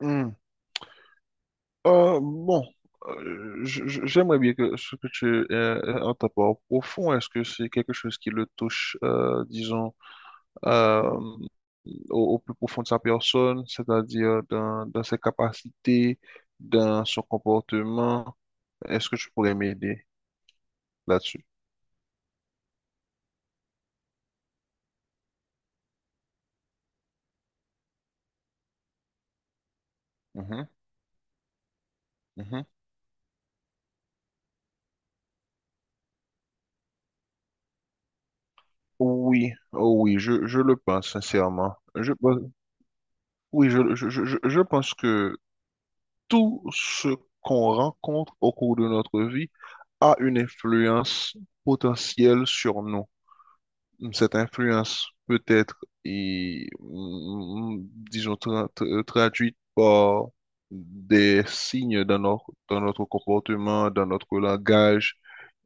Hmm. Bon, j'aimerais bien que ce que tu en ta part profond, est-ce que c'est quelque chose qui le touche, disons, euh, au plus profond de sa personne, c'est-à-dire dans ses capacités, dans son comportement? Est-ce que tu pourrais m'aider là-dessus? Mhm, mhm. Oui, oh oui, je le pense sincèrement. Oui, je pense que tout ce qu'on rencontre au cours de notre vie a une influence potentielle sur nous. Cette influence peut être, et, mm, mm, disons, traduite par des signes dans notre comportement, dans notre langage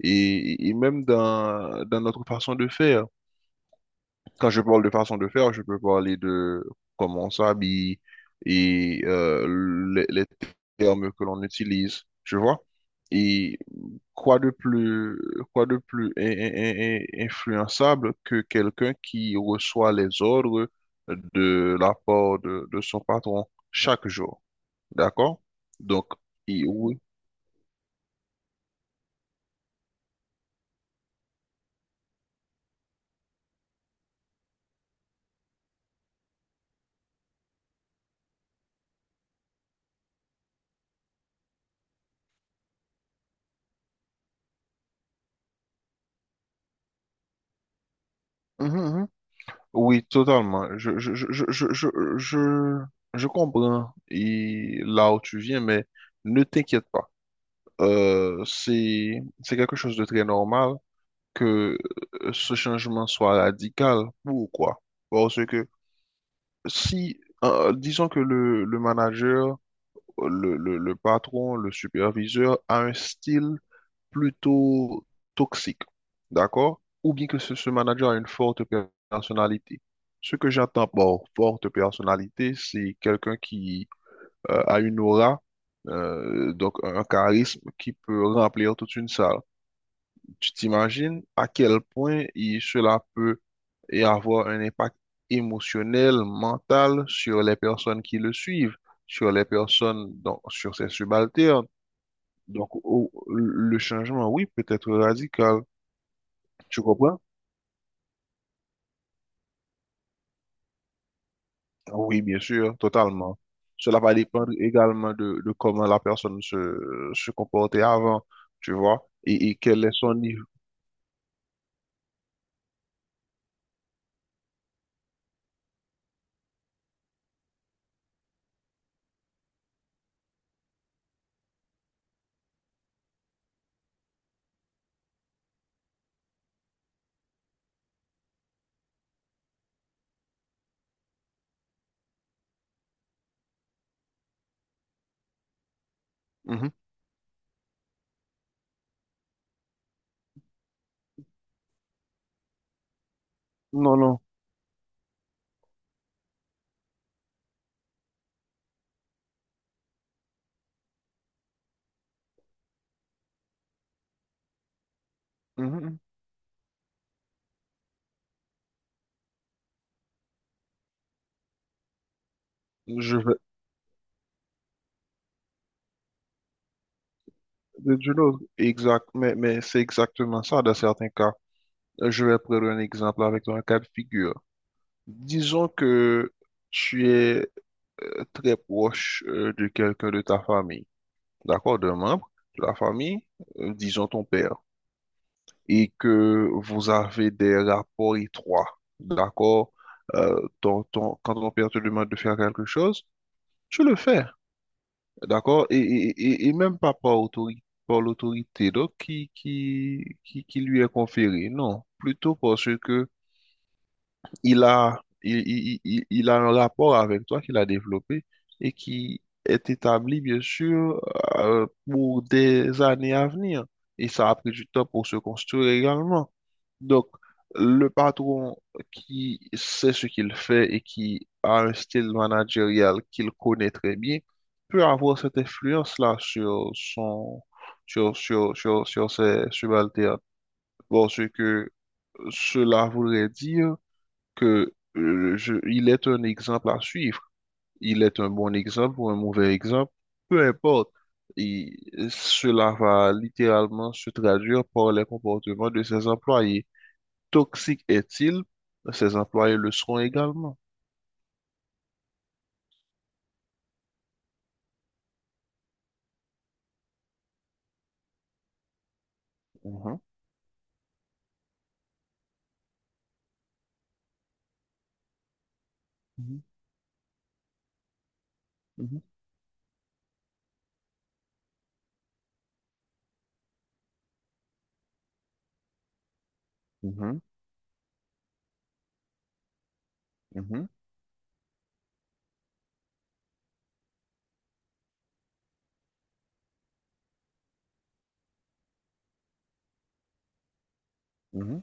et même dans notre façon de faire. Quand je parle de façon de faire, je peux parler de comment on s'habille et les termes que l'on utilise, tu vois. Et quoi de plus, quoi de plus influençable que quelqu'un qui reçoit les ordres de la part de son patron chaque jour, d'accord? Donc, et oui. Mhm, mhm. Oui, totalement. Je je comprends et là où tu viens, mais ne t'inquiète pas. C'est quelque chose de très normal que ce changement soit radical. Pourquoi? Parce que si, disons que le manager, le patron, le superviseur a un style plutôt toxique, d'accord? Ou bien que ce manager a une forte personnalité. Ce que j'entends par forte personnalité, c'est quelqu'un qui a une aura, donc un charisme qui peut remplir toute une salle. Tu t'imagines à quel point cela peut et avoir un impact émotionnel, mental sur les personnes qui le suivent, sur les personnes, donc, sur ses subalternes. Donc, le changement, oui, peut être radical. Tu comprends? Oui, bien sûr, totalement. Cela va dépendre également de comment la personne se comportait avant, tu vois, et, quel est son niveau. Mhm. Non, non. Mhm, mhm. Je vais, je l'autre. Exact, mais c'est exactement ça dans certains cas. Je vais prendre un exemple avec un cas de figure. Disons que tu es très proche de quelqu'un de ta famille, d'accord, d'un membre de la famille, disons ton père. Et que vous avez des rapports étroits, d'accord? Quand ton père te demande de faire quelque chose, tu le fais, d'accord? Et même pas par autorité, par l'autorité donc, qui lui est conférée, non, plutôt parce que il a, il, il a un rapport avec toi qu'il a développé et qui est établi, bien sûr, pour des années à venir. Et ça a pris du temps pour se construire également. Donc, le patron qui sait ce qu'il fait et qui a un style managérial qu'il connaît très bien peut avoir cette influence-là sur son, sur, sur, sur, sur ses subalternes. Bon, ce que cela voudrait dire que il est un exemple à suivre. Il est un bon exemple ou un mauvais exemple, peu importe. Et cela va littéralement se traduire par les comportements de ses employés. Toxique est-il? Ses employés le seront également. Mhm, mhm, mhm, mhm, mhm, mhm.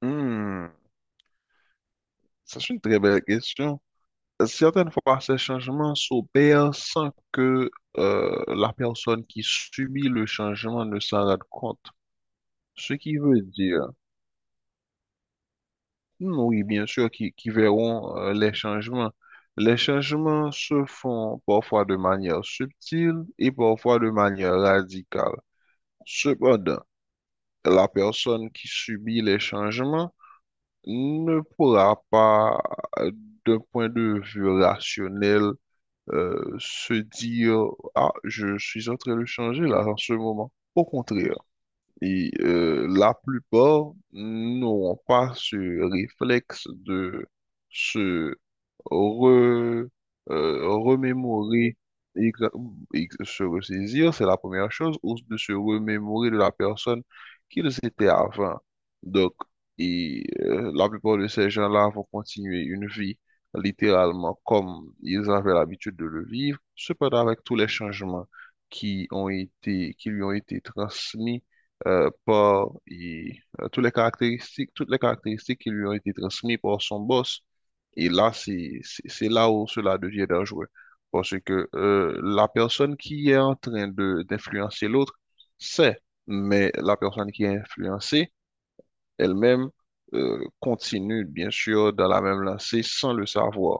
Hmm, ça, c'est une très belle question. Certaines fois, ces changements s'opèrent sans que la personne qui subit le changement ne s'en rende compte. Ce qui veut dire, oui, bien sûr, qui verront les changements. Les changements se font parfois de manière subtile et parfois de manière radicale. Cependant, la personne qui subit les changements ne pourra pas, euh, d'un point de vue rationnel, se dire: Ah, je suis en train de changer là en ce moment. Au contraire. Et la plupart n'auront pas ce réflexe de se re- remémorer, exa- se ressaisir, c'est la première chose, ou de se remémorer de la personne qu'ils étaient avant. Donc, la plupart de ces gens-là vont continuer une vie littéralement comme ils avaient l'habitude de le vivre, cependant avec tous les changements qui ont été, qui lui ont été transmis par et, toutes les caractéristiques qui lui ont été transmises par son boss. Et là, c'est là où cela devient dangereux. Parce que la personne qui est en train de d'influencer l'autre sait, mais la personne qui est influencée elle-même continue, bien sûr, dans la même lancée sans le savoir.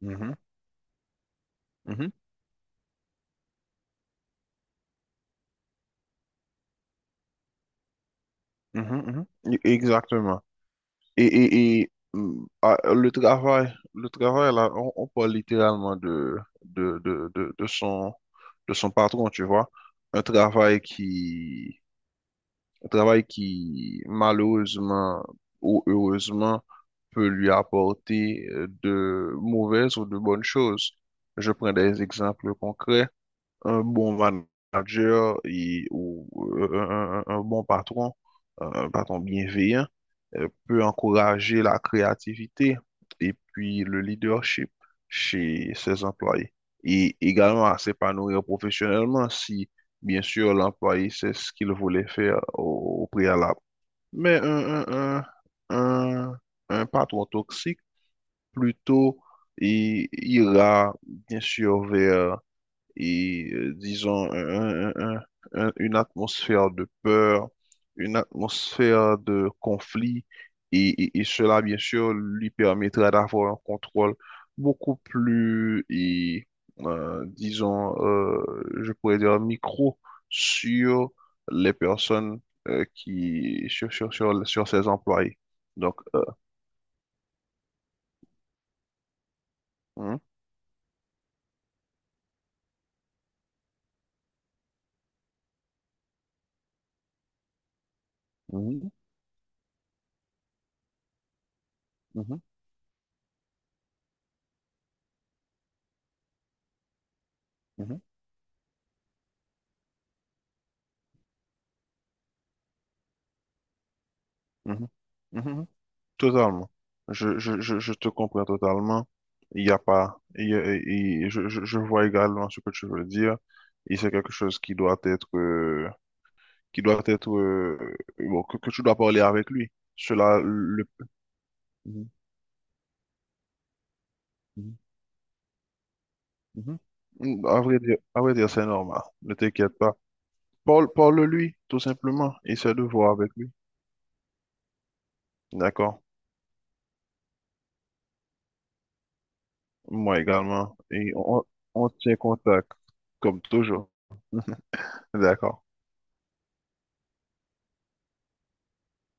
Mhm, mhm, mhm, mhm. Exactement. Et le travail, là, on parle littéralement de, de, de, de son, de son patron, tu vois. Un travail qui, un travail qui, malheureusement ou heureusement, peut lui apporter de mauvaises ou de bonnes choses. Je prends des exemples concrets: un bon manager et, ou un bon patron, un patron bienveillant, peut encourager la créativité et puis le leadership chez ses employés. Et également à s'épanouir professionnellement si, bien sûr, l'employé sait ce qu'il voulait faire au préalable. Mais un, un, un patron toxique, plutôt, il ira, bien sûr, vers disons une atmosphère de peur, une atmosphère de conflit, et cela, bien sûr, lui permettra d'avoir un contrôle beaucoup plus, disons, je pourrais dire micro sur les personnes qui, sur ses employés. Donc, mhm, mhm, mhm, mhm, mhm, mhm. Totalement. Je te comprends totalement. Il n'y a pas. Il y a- il- je vois également ce que tu veux dire. Et c'est quelque chose qui doit être, qui doit être, bon, que tu dois parler avec lui. Cela, le. Mhm, mhm, mhm. À vrai dire, c'est normal. Ne t'inquiète pas. Parle-lui, tout simplement. Essaie de voir avec lui. D'accord? Moi également. Et on tient contact, comme toujours. D'accord?